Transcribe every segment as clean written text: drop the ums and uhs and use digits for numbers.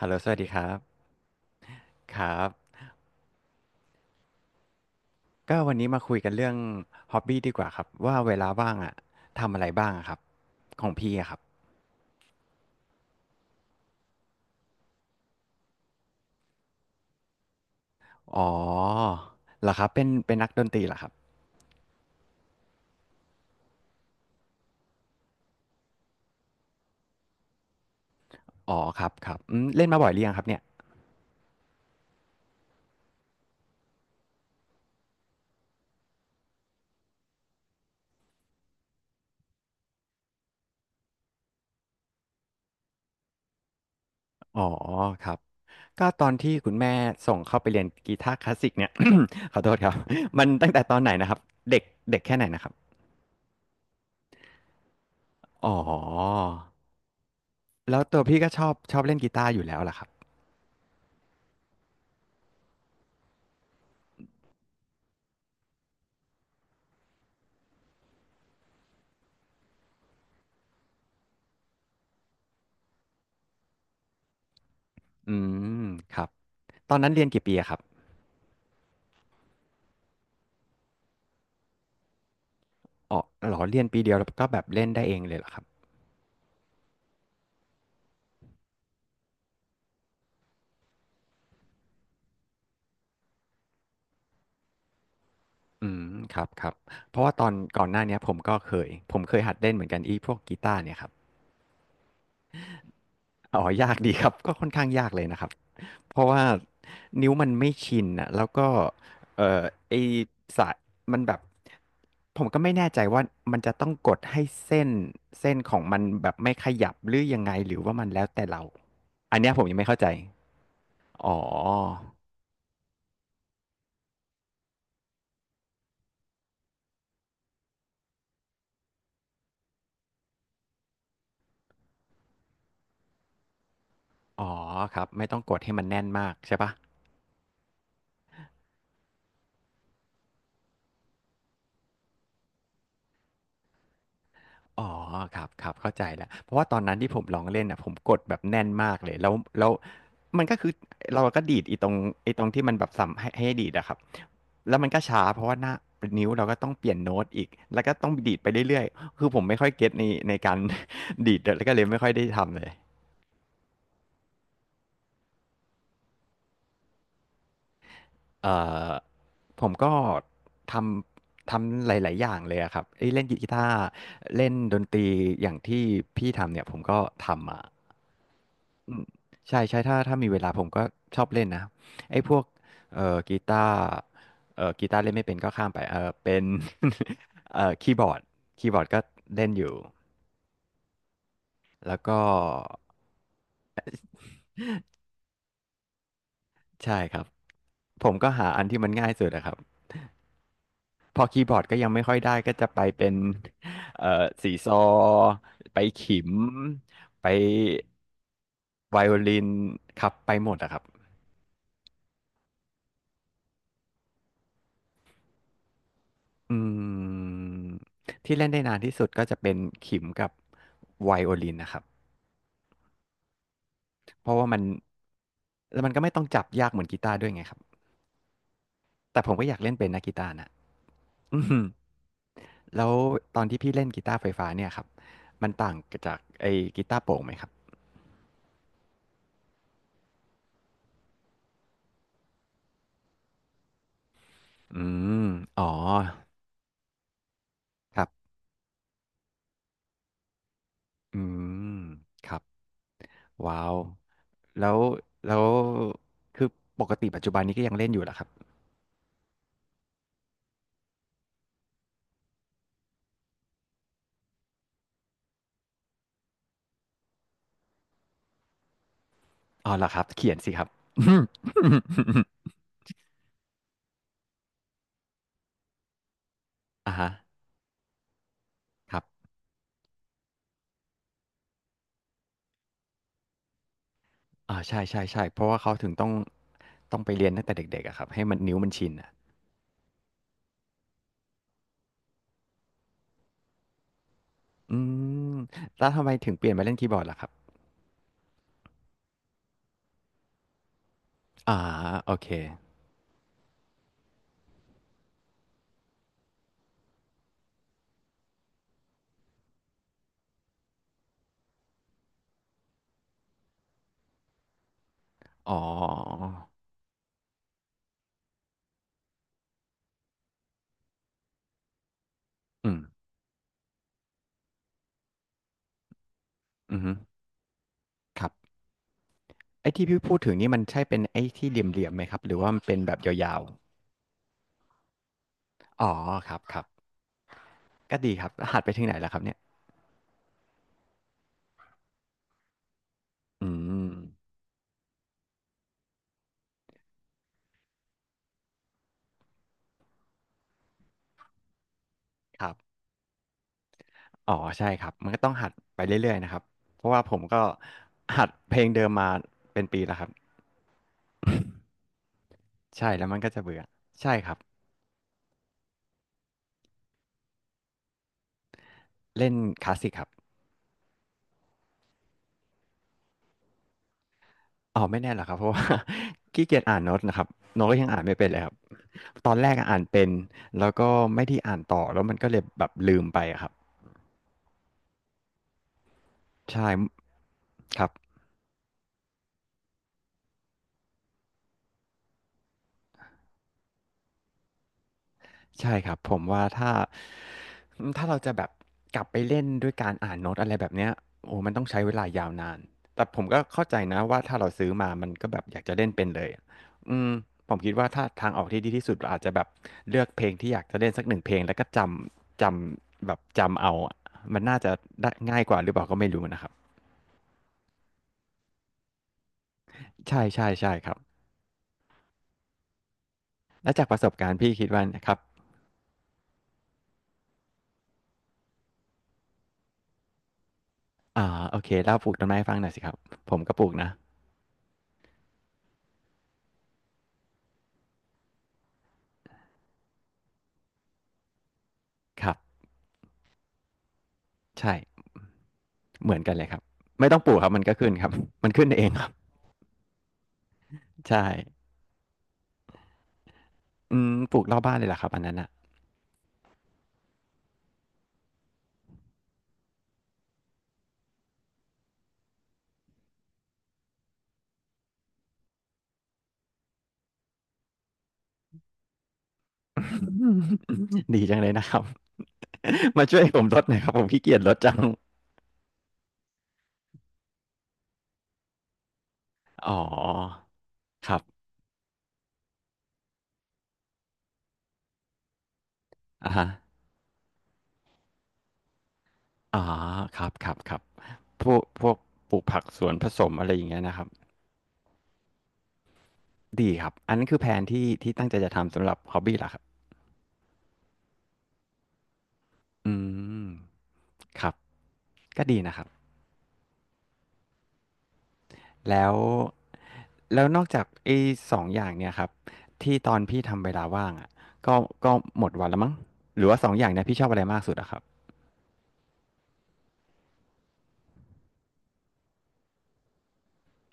ฮัลโหลสวัสดีครับครับก็วันนี้มาคุยกันเรื่องฮ็อบบี้ดีกว่าครับว่าเวลาว่างอะทำอะไรบ้างอะครับของพี่อะครับอ๋อเหรอครับเป็นนักดนตรีเหรอครับอ๋อครับครับอืมเล่นมาบ่อยหรือยังครับเนี่ยอ๋อครับก็ตอนที่คุณแม่ส่งเข้าไปเรียนกีตาร์คลาสสิกเนี่ย ขอโทษครับมันตั้งแต่ตอนไหนนะครับเด็กเด็กแค่ไหนนะครับอ๋อแล้วตัวพี่ก็ชอบเล่นกีตาร์อยู่แล้วล่ะครับอืมครับตอนนั้นเรียนกี่ปีอะครับ อ๋อเหรอเรียนปีเดียวแล้วก็แบบเล่นได้เองเลยเหรอครับอืมครับครับเพราะว่าตอนก่อนหน้าเนี้ยผมเคยหัดเล่นเหมือนกันอีพวกกีตาร์เนี่ยครับอ๋อยากดีครับก็ค่อนข้างยากเลยนะครับเพราะว่านิ้วมันไม่ชินอ่ะแล้วก็เอ่อไอสายมันแบบผมก็ไม่แน่ใจว่ามันจะต้องกดให้เส้นเส้นของมันแบบไม่ขยับหรือยังไงหรือว่ามันแล้วแต่เราอันเนี้ยผมยังไม่เข้าใจอ๋ออ๋อครับไม่ต้องกดให้มันแน่นมากใช่ปะ อ๋อครับครับเข้าใจแล้วเพราะว่าตอนนั้นที่ผมลองเล่นน่ะผมกดแบบแน่นมากเลยแล้วมันก็คือเราก็ดีดไอ้ตรงที่มันแบบสับให้ดีดอะครับแล้วมันก็ช้าเพราะว่าหน้านิ้วเราก็ต้องเปลี่ยนโน้ตอีกแล้วก็ต้องดีดไปเรื่อยๆคือผมไม่ค่อยเก็ตในการ ดีดแล้วก็เลยไม่ค่อยได้ทำเลย เอ่อผมก็ททำหลายๆอย่างเลยอะครับเอ้ยเล่นกีตาร์เล่นดนตรีอย่างที่พี่ทำเนี่ยผมก็ทำมาอืมใช่ใช่ถ้ามีเวลาผมก็ชอบเล่นนะไอ้พวกกีตาร์กีตาร์เล่นไม่เป็นก็ข้ามไปเออเป็น คีย์บอร์ดคีย์บอร์ดก็เล่นอยู่แล้วก็ใช่ครับผมก็หาอันที่มันง่ายสุดนะครับ พอคีย์บอร์ดก็ยังไม่ค่อยได้ก็จะไปเป็นเอ่อสีซอไปขิมไปไวโอลินครับไปหมดอะครับอืมที่เล่นได้นานที่สุดก็จะเป็นขิมกับไวโอลินนะครับเพราะว่ามันแล้วมันก็ไม่ต้องจับยากเหมือนกีตาร์ด้วยไงครับแต่ผมก็อยากเล่นเป็นนะกีตาร์นะ อืมแล้วตอนที่พี่เล่นกีตาร์ไฟฟ้าเนี่ยครับมันต่างจากไอ้กีตาร์โปร่งไหมครับอืมอ๋อครับ อืมครับว้าวแล้วแล้วคือปกติปัจจุบันนี้ก็ยังเล่นอยู่เหรอครับอ๋อเหรอครับเขียนสิครับ อ่าฮะครับอ่าใช่ใช่ใช่เพราะว่าเขาถึงต้องไปเรียนตั้งแต่เด็กๆอะครับให้มันนิ้วมันชินอะอืมแล้วทำไมถึงเปลี่ยนมาเล่นคีย์บอร์ดล่ะครับอ่าโอเคอ๋ออืมอือฮึครับไอ้ที่พี่พูดถึงนี่มันใช่เป็นไอ้ที่เหลี่ยมๆไหมครับหรือว่ามันเป็นแบบยาวๆอ๋อครับครับ ก็ดีครับหัดไปถึงไหนแล้วครับเนี่ยอืมครับอ๋อใช่ครับมันก็ต้องหัดไปเรื่อยๆนะครับเพราะว่าผมก็หัดเพลงเดิมมาเป็นปีแล้วครับใช่แล้วมันก็จะเบื่อใช่ครับเล่นคลาสสิกครับอ๋อไม่แน่หรอกครับเพราะว่า ขี้เกียจอ่านโน้ตนะครับโน้ตก็ยังอ่านไม่เป็นเลยครับตอนแรกอะอ่านเป็นแล้วก็ไม่ได้อ่านต่อแล้วมันก็เลยแบบลืมไปอะครับใช่ครับ ใช่ครับผมว่าถ้าเราจะแบบกลับไปเล่นด้วยการอ่านโน้ตอะไรแบบเนี้ยโอ้โมันต้องใช้เวลายาวนานแต่ผมก็เข้าใจนะว่าถ้าเราซื้อมามันก็แบบอยากจะเล่นเป็นเลยอะอืมผมคิดว่าถ้าทางออกที่ดีที่สุดเราอาจจะแบบเลือกเพลงที่อยากจะเล่นสักหนึ่งเพลงแล้วก็จำแบบจำเอาอะมันน่าจะได้ง่ายกว่าหรือเปล่าก็ไม่รู้นะครับใช่ๆใช่ครับแล้วจากประสบการณ์พี่คิดว่านะครับอ่าโอเคเล่าปลูกต้นไม้ให้ฟังหน่อยสิครับผมก็ปลูกนะครับใช่ เหมือนกันเลยครับไม่ต้องปลูกครับมันก็ขึ้นครับ มันขึ้นเองครับใช่ปลูกรอบบ้านเลยเหรอครับอันนั้นอ่ะ ดีจังเลยนะครับ มาช่วยผมรดหน่อยครับผมขี้เกียจรดจังอ๋อครับอ่าฮะอ๋อครับครับครับพวกปลูกผักสวนผสมอะไรอย่างเงี้ยนะครับดีครับอันนั้นคือแผนที่ที่ตั้งใจจะทำสำหรับฮอบบี้เหรอครับอืมครับก็ดีนะครับ แล้วแล้วนอกจากไอ้สองอย่างเนี่ยครับที่ตอนพี่ทำเวลาว่างอะก็ก็หมดวันแล้วมั้งหรือว่าสองอย่างเนี่ยพี่ชอบอะไรมากสุดอะครับ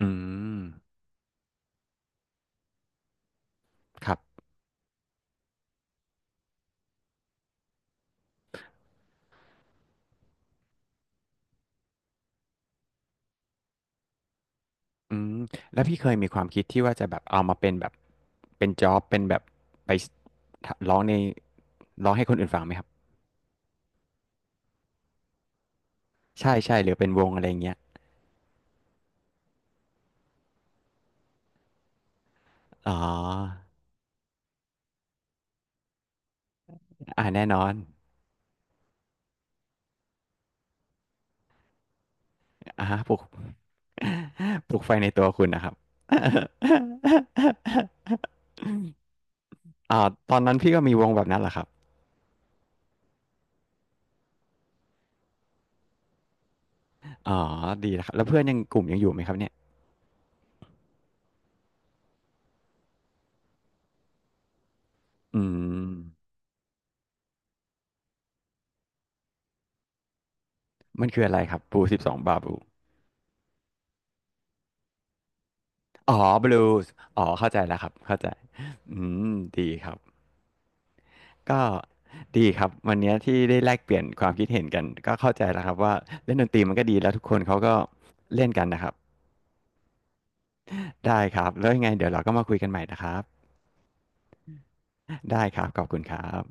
อืมครับอืมแล้วพี่เคยมีความคิดที่ว่าจะแบบเอามาเป็นแบบเป็นจ็อบเป็นแบบไปสร้องในร้องให้คนอื่นฟังไหมครับใช่ใช่หรือเป็นวงอะไรอย่างเงี้ยอ๋ออาแน่นอนอะฮะปลุก ปลุกไฟในตัวคุณน่ะครับ อ่าตอนนั้นพี่ก็มีวงแบบนั้นแหละครับอ๋อดีนะครับแล้วเพื่อนยังกลุ่มยังอยู่ไหมครับเนี่ยอืมมันคืออะไรครับบูสิบสองบาบูอ๋อบลูสอ๋อเข้าใจแล้วครับเข้าใจอืมดีครับก็ดีครับวันนี้ที่ได้แลกเปลี่ยนความคิดเห็นกันก็เข้าใจแล้วครับว่าเล่นดนตรีมันก็ดีแล้วทุกคนเขาก็เล่นกันนะครับได้ครับแล้วยังไงเดี๋ยวเราก็มาคุยกันใหม่นะครับได้ครับขอบคุณครับ